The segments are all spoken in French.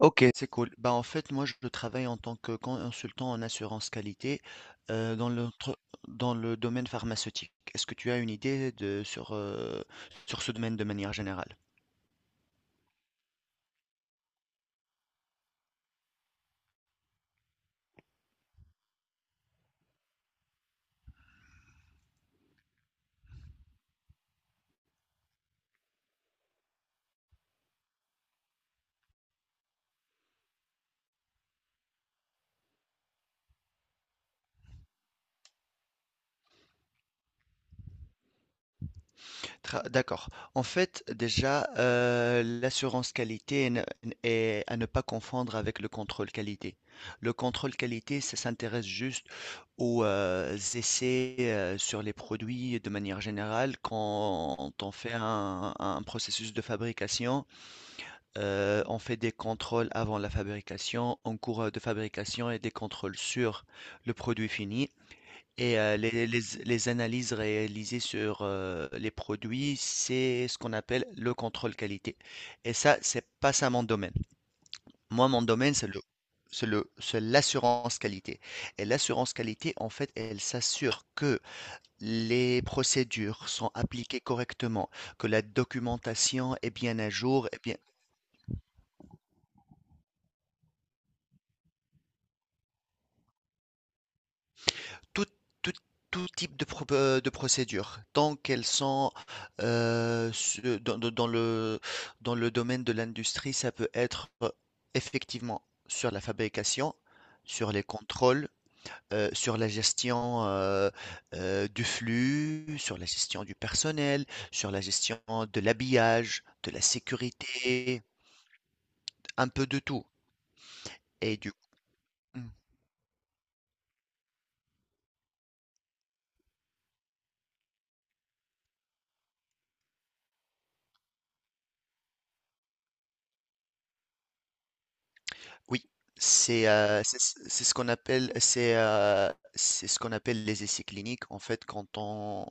Ok, c'est cool. Bah, en fait, moi, je travaille en tant que consultant en assurance qualité dans dans le domaine pharmaceutique. Est-ce que tu as une idée sur ce domaine de manière générale? D'accord. En fait, déjà, l'assurance qualité est à ne pas confondre avec le contrôle qualité. Le contrôle qualité, ça s'intéresse juste aux essais sur les produits de manière générale quand on fait un processus de fabrication. On fait des contrôles avant la fabrication, en cours de fabrication et des contrôles sur le produit fini. Et les analyses réalisées sur les produits, c'est ce qu'on appelle le contrôle qualité. Et ça, c'est pas ça mon domaine. Moi, mon domaine, c'est l'assurance qualité. Et l'assurance qualité, en fait, elle s'assure que les procédures sont appliquées correctement, que la documentation est bien à jour, tout, tout, tout type de procédure, tant qu'elles sont euh, su- dans, dans- dans le, dans le domaine de l'industrie, ça peut être effectivement sur la fabrication, sur les contrôles, sur la gestion du flux, sur la gestion du personnel, sur la gestion de l'habillage, de la sécurité, un peu de tout. Et du Oui, c'est ce qu'on appelle les essais cliniques. En fait, quand on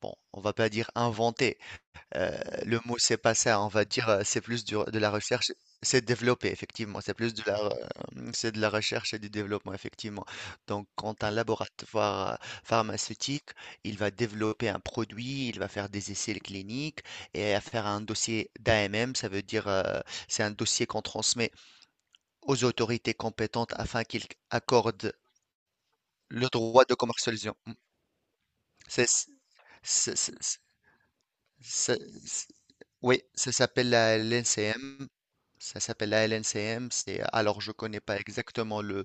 bon, on va pas dire inventer. euh, le mot c'est pas ça. On va dire c'est plus de la recherche. C'est développer, effectivement. C'est de la recherche et du développement, effectivement. Donc, quand un laboratoire pharmaceutique, il va développer un produit, il va faire des essais cliniques et à faire un dossier d'AMM, ça veut dire c'est un dossier qu'on transmet aux autorités compétentes afin qu'ils accordent le droit de commercialisation. Mm. C'est, c'est- c'est- c'est- c'est- oui, ça s'appelle la LNCM. Ça s'appelle la LNCM. Alors, je connais pas exactement le,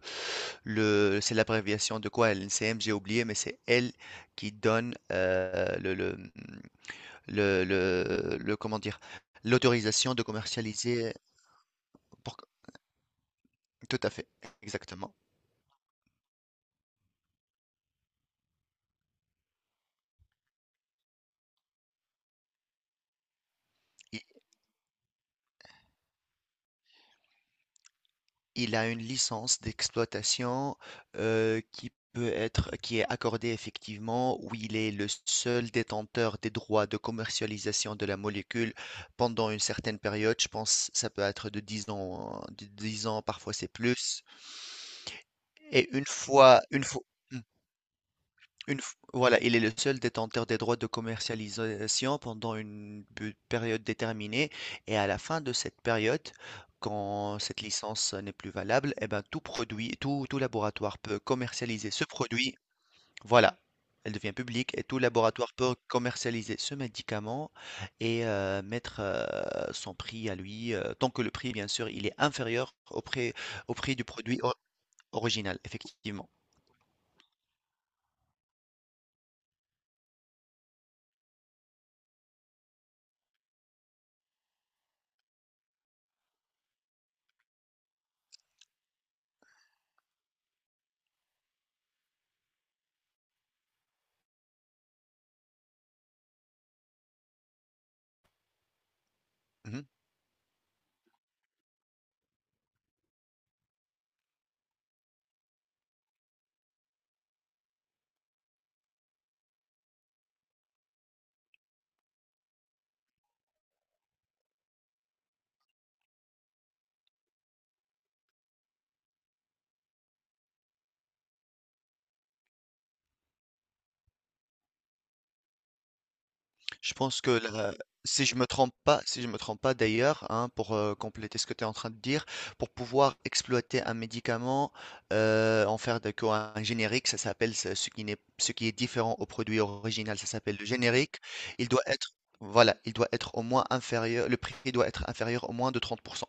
le, c'est l'abréviation de quoi LNCM, j'ai oublié, mais c'est elle qui donne comment dire, l'autorisation de commercialiser. pour- Tout à fait, exactement. Il a une licence d'exploitation qui peut être, qui est accordée effectivement, où il est le seul détenteur des droits de commercialisation de la molécule pendant une certaine période. Je pense que ça peut être de 10 ans, hein, de 10 ans, parfois c'est plus. Et une fois, une fois, une f- voilà, il est le seul détenteur des droits de commercialisation pendant une période déterminée et à la fin de cette période, quand cette licence n'est plus valable, eh ben, tout laboratoire peut commercialiser ce produit. Voilà, elle devient publique et tout laboratoire peut commercialiser ce médicament et mettre son prix à lui, tant que le prix, bien sûr, il est inférieur au prix du produit original, effectivement. Mhm. Je pense que là, si je me trompe pas, si je me trompe pas d'ailleurs, hein, pour compléter ce que tu es en train de dire, pour pouvoir exploiter un médicament, en faire de quoi un générique, ça s'appelle ce qui n'est, ce qui est différent au produit original, ça s'appelle le générique. Il doit être, voilà, il doit être au moins inférieur, le prix doit être inférieur au moins de 30%.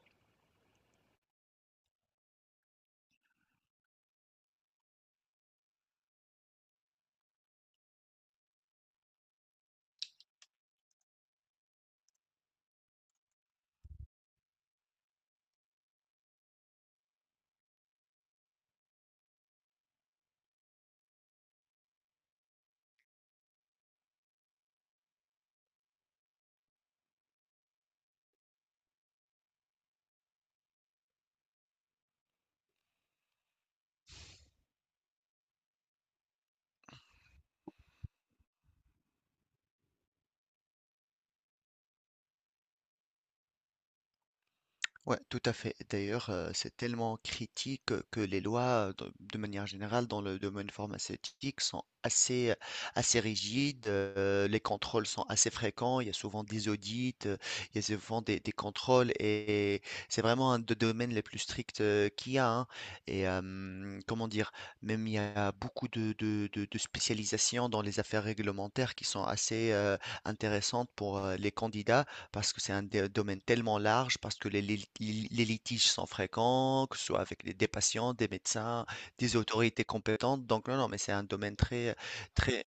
Ouais, tout à fait. D'ailleurs, c'est tellement critique que les lois, de manière générale, dans le domaine pharmaceutique, sont assez rigides. Les contrôles sont assez fréquents. Il y a souvent des audits, il y a souvent des contrôles, et c'est vraiment un des domaines les plus stricts qu'il y a. Hein. Et comment dire, même il y a beaucoup de spécialisations dans les affaires réglementaires qui sont assez intéressantes pour les candidats parce que c'est un domaine tellement large, parce que les litiges sont fréquents, que ce soit avec des patients, des médecins, des autorités compétentes. Donc, non, non, mais c'est un domaine très, très,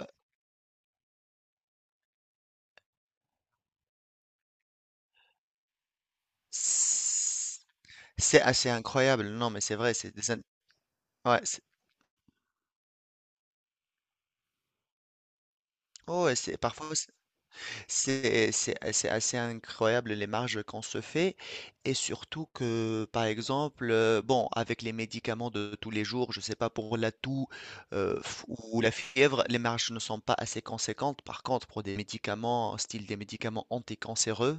euh, c'est assez incroyable. Non, mais c'est vrai, ouais, oh, ouais, c'est parfois. C'est assez incroyable les marges qu'on se fait et surtout que par exemple bon, avec les médicaments de tous les jours, je sais pas, pour la toux ou la fièvre, les marges ne sont pas assez conséquentes, par contre pour des médicaments style des médicaments anticancéreux.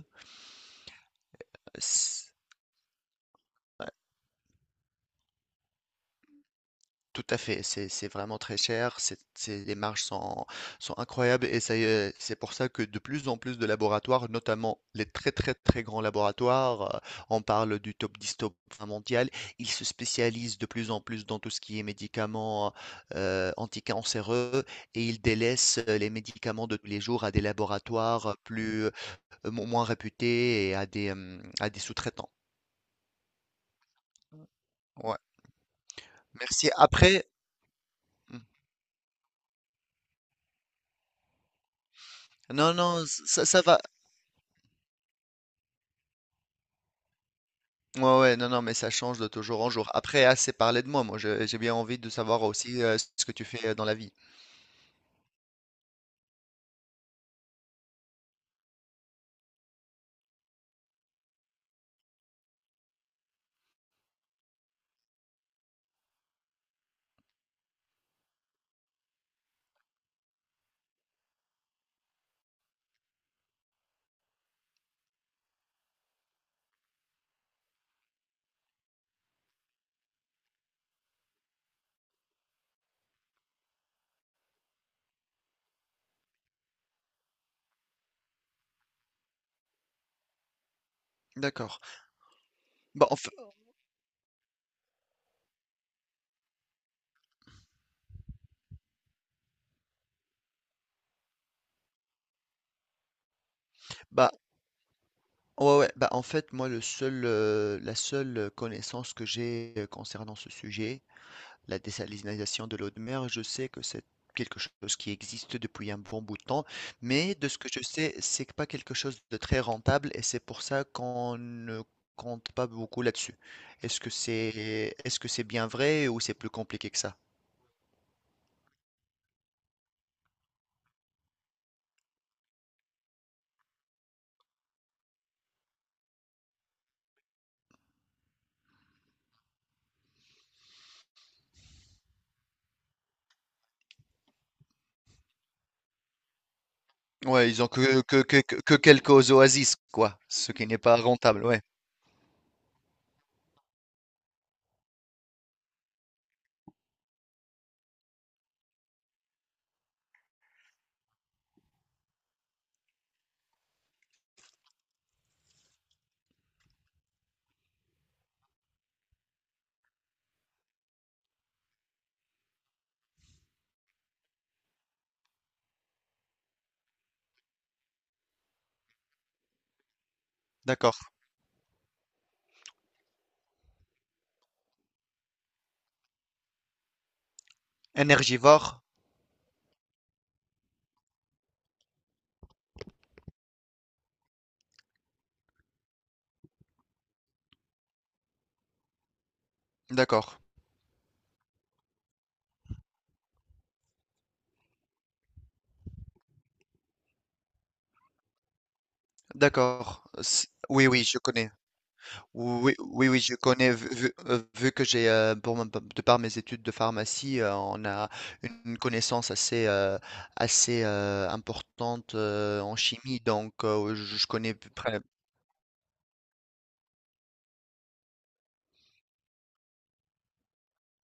Tout à fait, c'est vraiment très cher, les marges sont incroyables et ça y est, c'est pour ça que de plus en plus de laboratoires, notamment les très très très grands laboratoires, on parle du top 10, top 20 mondial, ils se spécialisent de plus en plus dans tout ce qui est médicaments anticancéreux et ils délaissent les médicaments de tous les jours à des laboratoires plus moins réputés et à des sous-traitants. Ouais, merci. Après, hmm, non, non, ça va. Ouais, ouais, non, non, mais ça change de toujours en jour. Après, assez parlé de moi. Moi, j'ai bien envie de savoir aussi ce que tu fais dans la vie. D'accord. Bah, en fa- bah, ouais, ouais, en fait, moi, la seule connaissance que j'ai concernant ce sujet, la désalinisation de l'eau de mer, je sais que c'est quelque chose qui existe depuis un bon bout de temps, mais de ce que je sais, c'est pas quelque chose de très rentable et c'est pour ça qu'on ne compte pas beaucoup là-dessus. Est-ce que c'est bien vrai ou c'est plus compliqué que ça? Ouais, ils ont quelques oasis, quoi, ce qui n'est pas rentable, ouais. D'accord. Énergivore, d'accord. D'accord. Oui, oui, je connais. Oui, oui, oui, je connais, vu que de par mes études de pharmacie, on a une connaissance assez importante en chimie, donc je connais à peu près.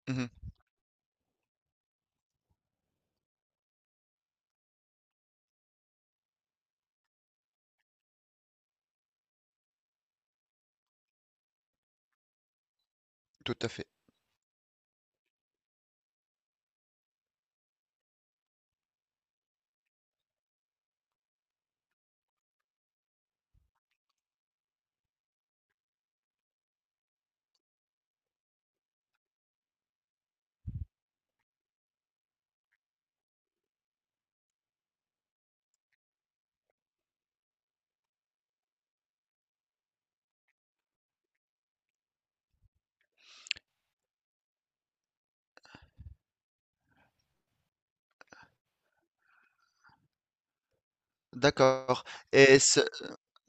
Mhm, tout à fait. D'accord. Et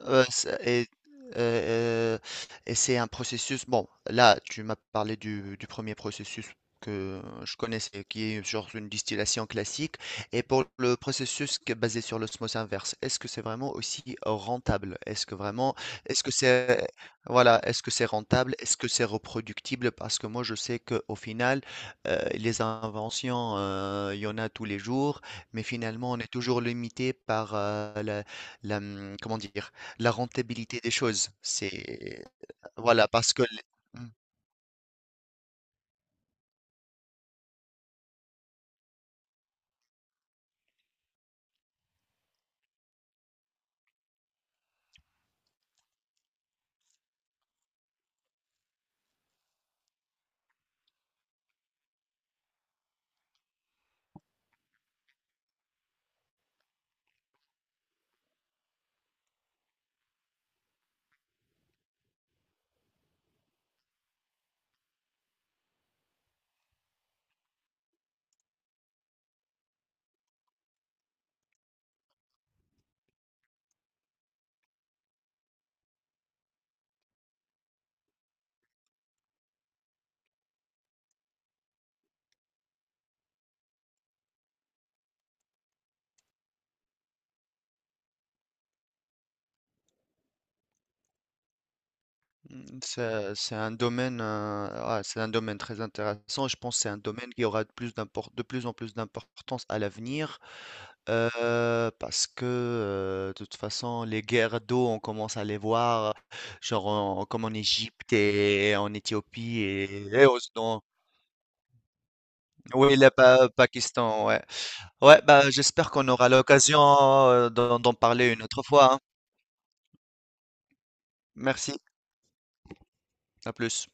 C'est heu, et c'est un processus, bon, là, tu m'as parlé du un processus que je connaissais, qui est genre une distillation classique. Et pour le processus qui est basé sur l'osmose inverse, est-ce que c'est vraiment aussi rentable? Est-ce que vraiment est-ce que c'est voilà, est-ce que c'est rentable? Est-ce que c'est reproductible? Parce que moi, je sais qu'au final, les inventions, il y en a tous les jours, mais finalement, on est toujours limité par, la, comment dire? La rentabilité des choses, c'est voilà parce que Mm, mm, c'est un domaine très intéressant. Je pense que c'est un domaine qui aura de plus en plus d'importance à l'avenir parce que de toute façon les guerres d'eau, on commence à les voir, genre comme en Égypte et en Éthiopie et au Soudan. Oui, le Pakistan, ouais. Ouais, bah j'espère qu'on aura l'occasion d'en parler une autre fois. Hein. Merci, à plus.